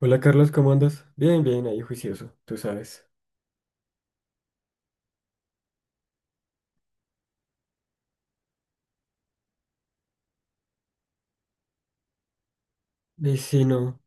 Hola Carlos, ¿cómo andas? Bien, bien, ahí juicioso, tú sabes. Y si no,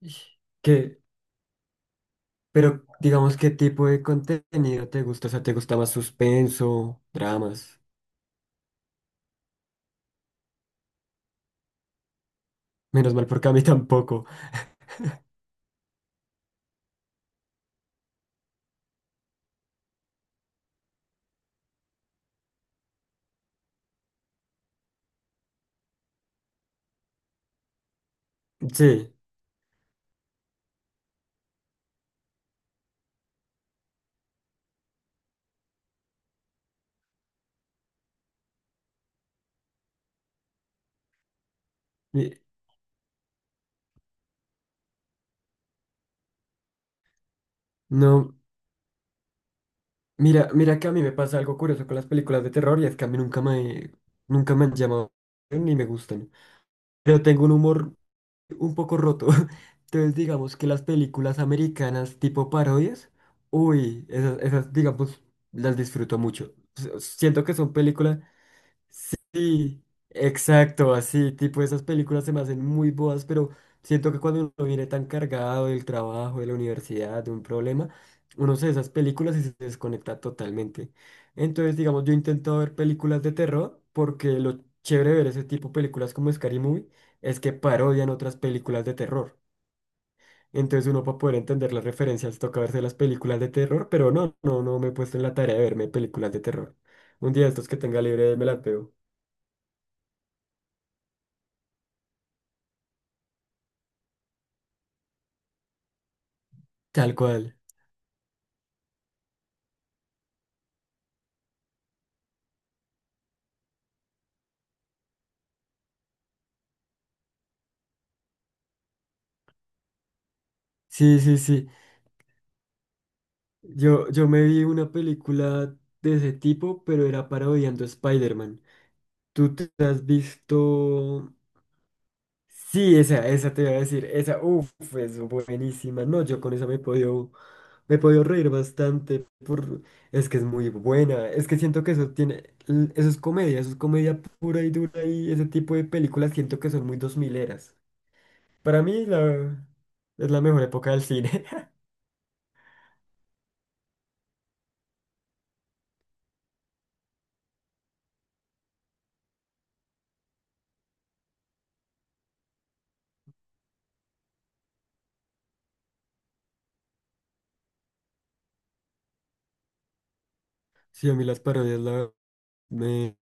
y- ¿qué? Pero digamos, ¿qué tipo de contenido te gusta? O sea, ¿te gusta más suspenso, dramas? Menos mal porque a mí tampoco. Sí, mi- no, mira que a mí me pasa algo curioso con las películas de terror, y es que a mí nunca me han llamado ni me gustan. Pero tengo un humor un poco roto. Entonces, digamos que las películas americanas tipo parodias, uy, esas digamos, las disfruto mucho. Siento que son películas. Sí, exacto, así, tipo esas películas se me hacen muy boas, pero siento que cuando uno viene tan cargado del trabajo, de la universidad, de un problema, uno se ve esas películas y se desconecta totalmente. Entonces, digamos, yo intento ver películas de terror porque lo chévere de ver ese tipo de películas como Scary Movie es que parodian otras películas de terror. Entonces uno, para poder entender las referencias, toca verse las películas de terror, pero no me he puesto en la tarea de verme películas de terror. Un día de estos que tenga libre me las veo. Tal cual. Sí, sí, sí. Yo me vi una película de ese tipo, pero era parodiando a Spider-Man. ¿Tú te has visto? Sí, esa te iba a decir. Esa, uff, es buenísima. No, yo con esa me he podido reír bastante. Por... Es que es muy buena. Es que siento que eso tiene, eso es comedia pura y dura, y ese tipo de películas siento que son muy dos mileras. Para mí la... es la mejor época del cine. Sí, a mí las parodias la... me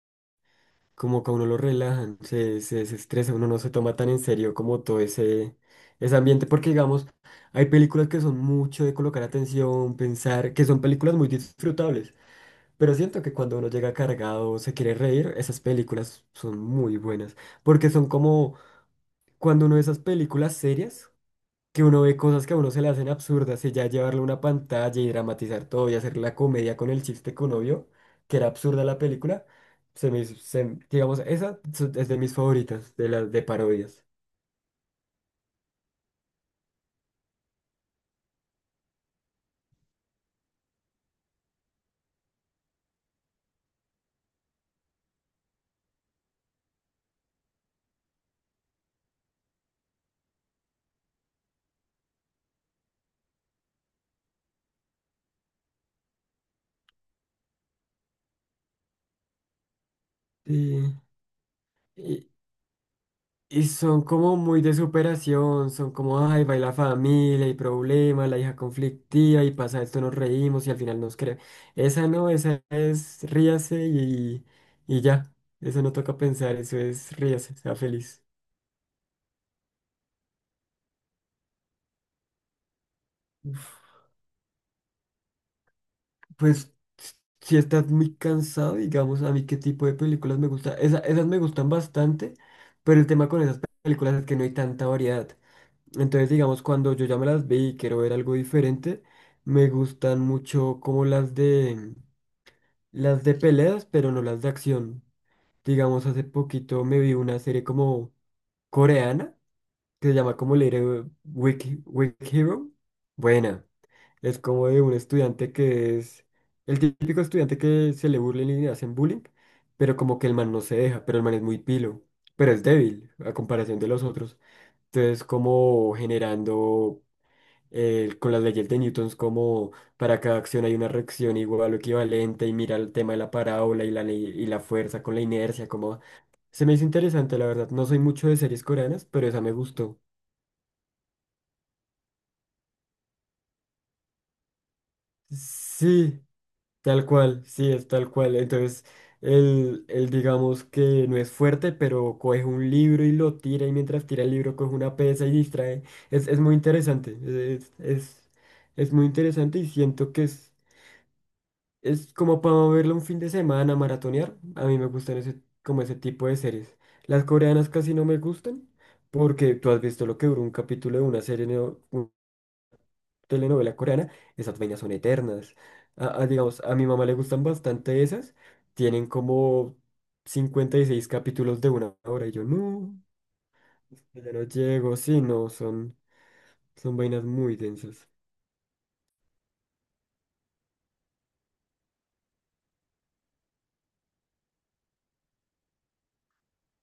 como que a uno lo relajan, se desestresa, uno no se toma tan en serio como todo ese, ese ambiente, porque digamos, hay películas que son mucho de colocar atención, pensar, que son películas muy disfrutables, pero siento que cuando uno llega cargado, se quiere reír, esas películas son muy buenas, porque son como cuando uno de esas películas serias que uno ve cosas que a uno se le hacen absurdas y ya llevarle una pantalla y dramatizar todo y hacer la comedia con el chiste que uno vio, que era absurda la película, se, digamos, es de mis favoritas, de las de parodias. Sí. Y y son como muy de superación, son como, ay, va la familia y problemas, la hija conflictiva y pasa esto, nos reímos y al final nos cree. Esa no, esa es ríase y ya, eso no toca pensar, eso es ríase, sea feliz. Pues si estás muy cansado, digamos, a mí qué tipo de películas me gusta. Esas me gustan bastante, pero el tema con esas películas es que no hay tanta variedad. Entonces, digamos, cuando yo ya me las vi y quiero ver algo diferente, me gustan mucho como las de peleas, pero no las de acción. Digamos, hace poquito me vi una serie como coreana que se llama como Little Wiki Hero. Buena. Es como de un estudiante que es el típico estudiante que se le burlen y le hacen bullying, pero como que el man no se deja, pero el man es muy pilo, pero es débil a comparación de los otros. Entonces, como generando, con las leyes de Newton, como para cada acción hay una reacción igual o equivalente, y mira el tema de la parábola y y la fuerza con la inercia, como se me hizo interesante, la verdad. No soy mucho de series coreanas, pero esa me gustó. Sí. Tal cual, sí, es tal cual. Entonces, él digamos que no es fuerte, pero coge un libro y lo tira, y mientras tira el libro coge una pesa y distrae. Es muy interesante, es, es, es muy interesante, y siento que es como para verlo un fin de semana, maratonear. A mí me gustan ese, como ese tipo de series. Las coreanas casi no me gustan, porque tú has visto lo que duró un capítulo de una serie, ¿no? Telenovela coreana, esas vainas son eternas. Digamos, a mi mamá le gustan bastante esas. Tienen como 56 capítulos de una hora. Y yo, no, ya no llego. Sí, no, son vainas muy densas.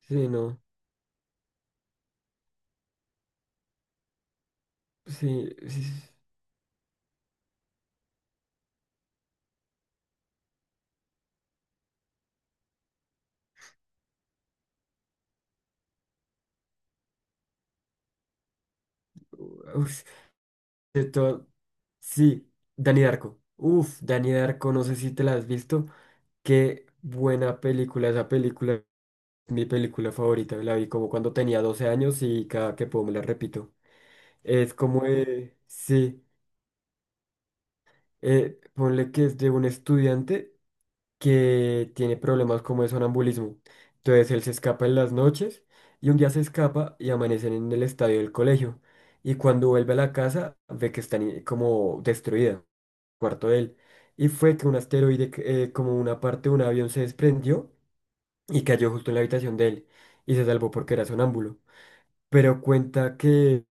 Sí, no. Sí, sí, sí. Uf, de todo- sí, Danny Darko. Uf, Danny Darko, no sé si te la has visto. Qué buena película esa película. Es mi película favorita, la vi como cuando tenía 12 años y cada que puedo me la repito. Es como de, sí, ponle que es de un estudiante que tiene problemas como de sonambulismo. Entonces él se escapa en las noches, y un día se escapa y amanecen en el estadio del colegio. Y cuando vuelve a la casa ve que está como destruida el cuarto de él. Y fue que un asteroide, que, como una parte de un avión, se desprendió y cayó justo en la habitación de él. Y se salvó porque era sonámbulo. Pero cuenta que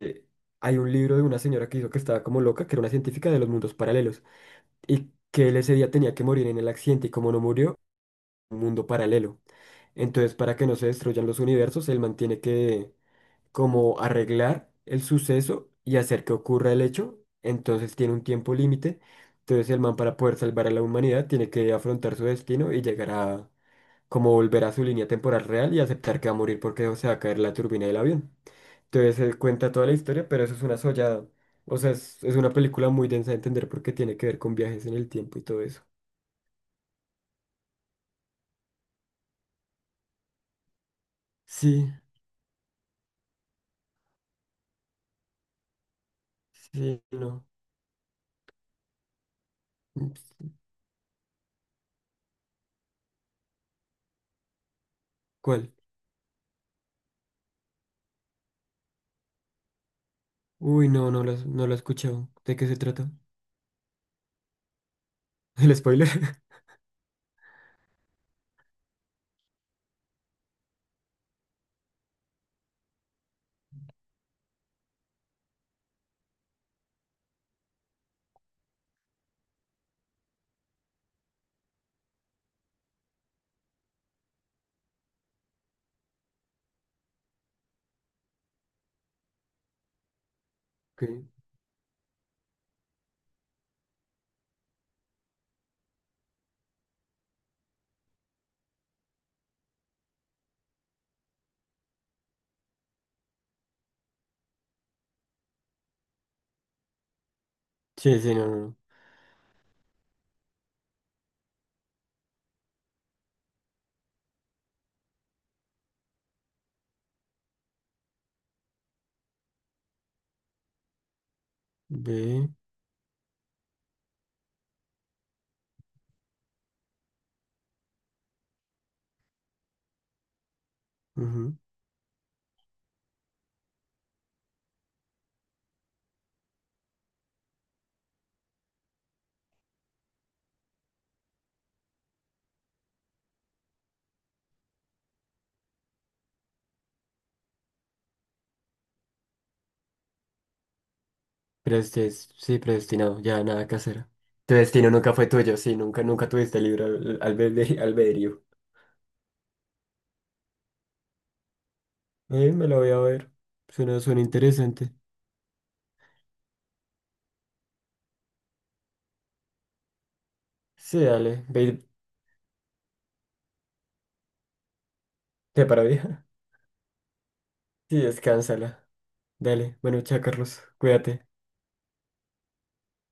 eh, hay un libro de una señora que dijo que estaba como loca, que era una científica de los mundos paralelos, y que él ese día tenía que morir en el accidente y, como no murió, un mundo paralelo. Entonces, para que no se destruyan los universos, él mantiene que como arreglar el suceso y hacer que ocurra el hecho, entonces tiene un tiempo límite. Entonces el man, para poder salvar a la humanidad, tiene que afrontar su destino y llegar a como volver a su línea temporal real y aceptar que va a morir porque se va a caer la turbina del avión. Entonces se cuenta toda la historia, pero eso es una sollada. O sea, es una película muy densa de entender porque tiene que ver con viajes en el tiempo y todo eso. Sí, sí, no. Ups, ¿cuál? Uy, no lo he escuchado. ¿De qué se trata? ¿El spoiler? Ok. Sí, sí, no, no, no. Ve. Ujú. Sí, predestinado, ya nada que hacer. Tu destino nunca fue tuyo, sí, nunca, nunca tuviste albedrío. Me lo voy a ver. Suena, suena interesante. Sí, dale, ve, y te para vieja. Sí, descánsala. Dale. Bueno, chao, Carlos. Cuídate.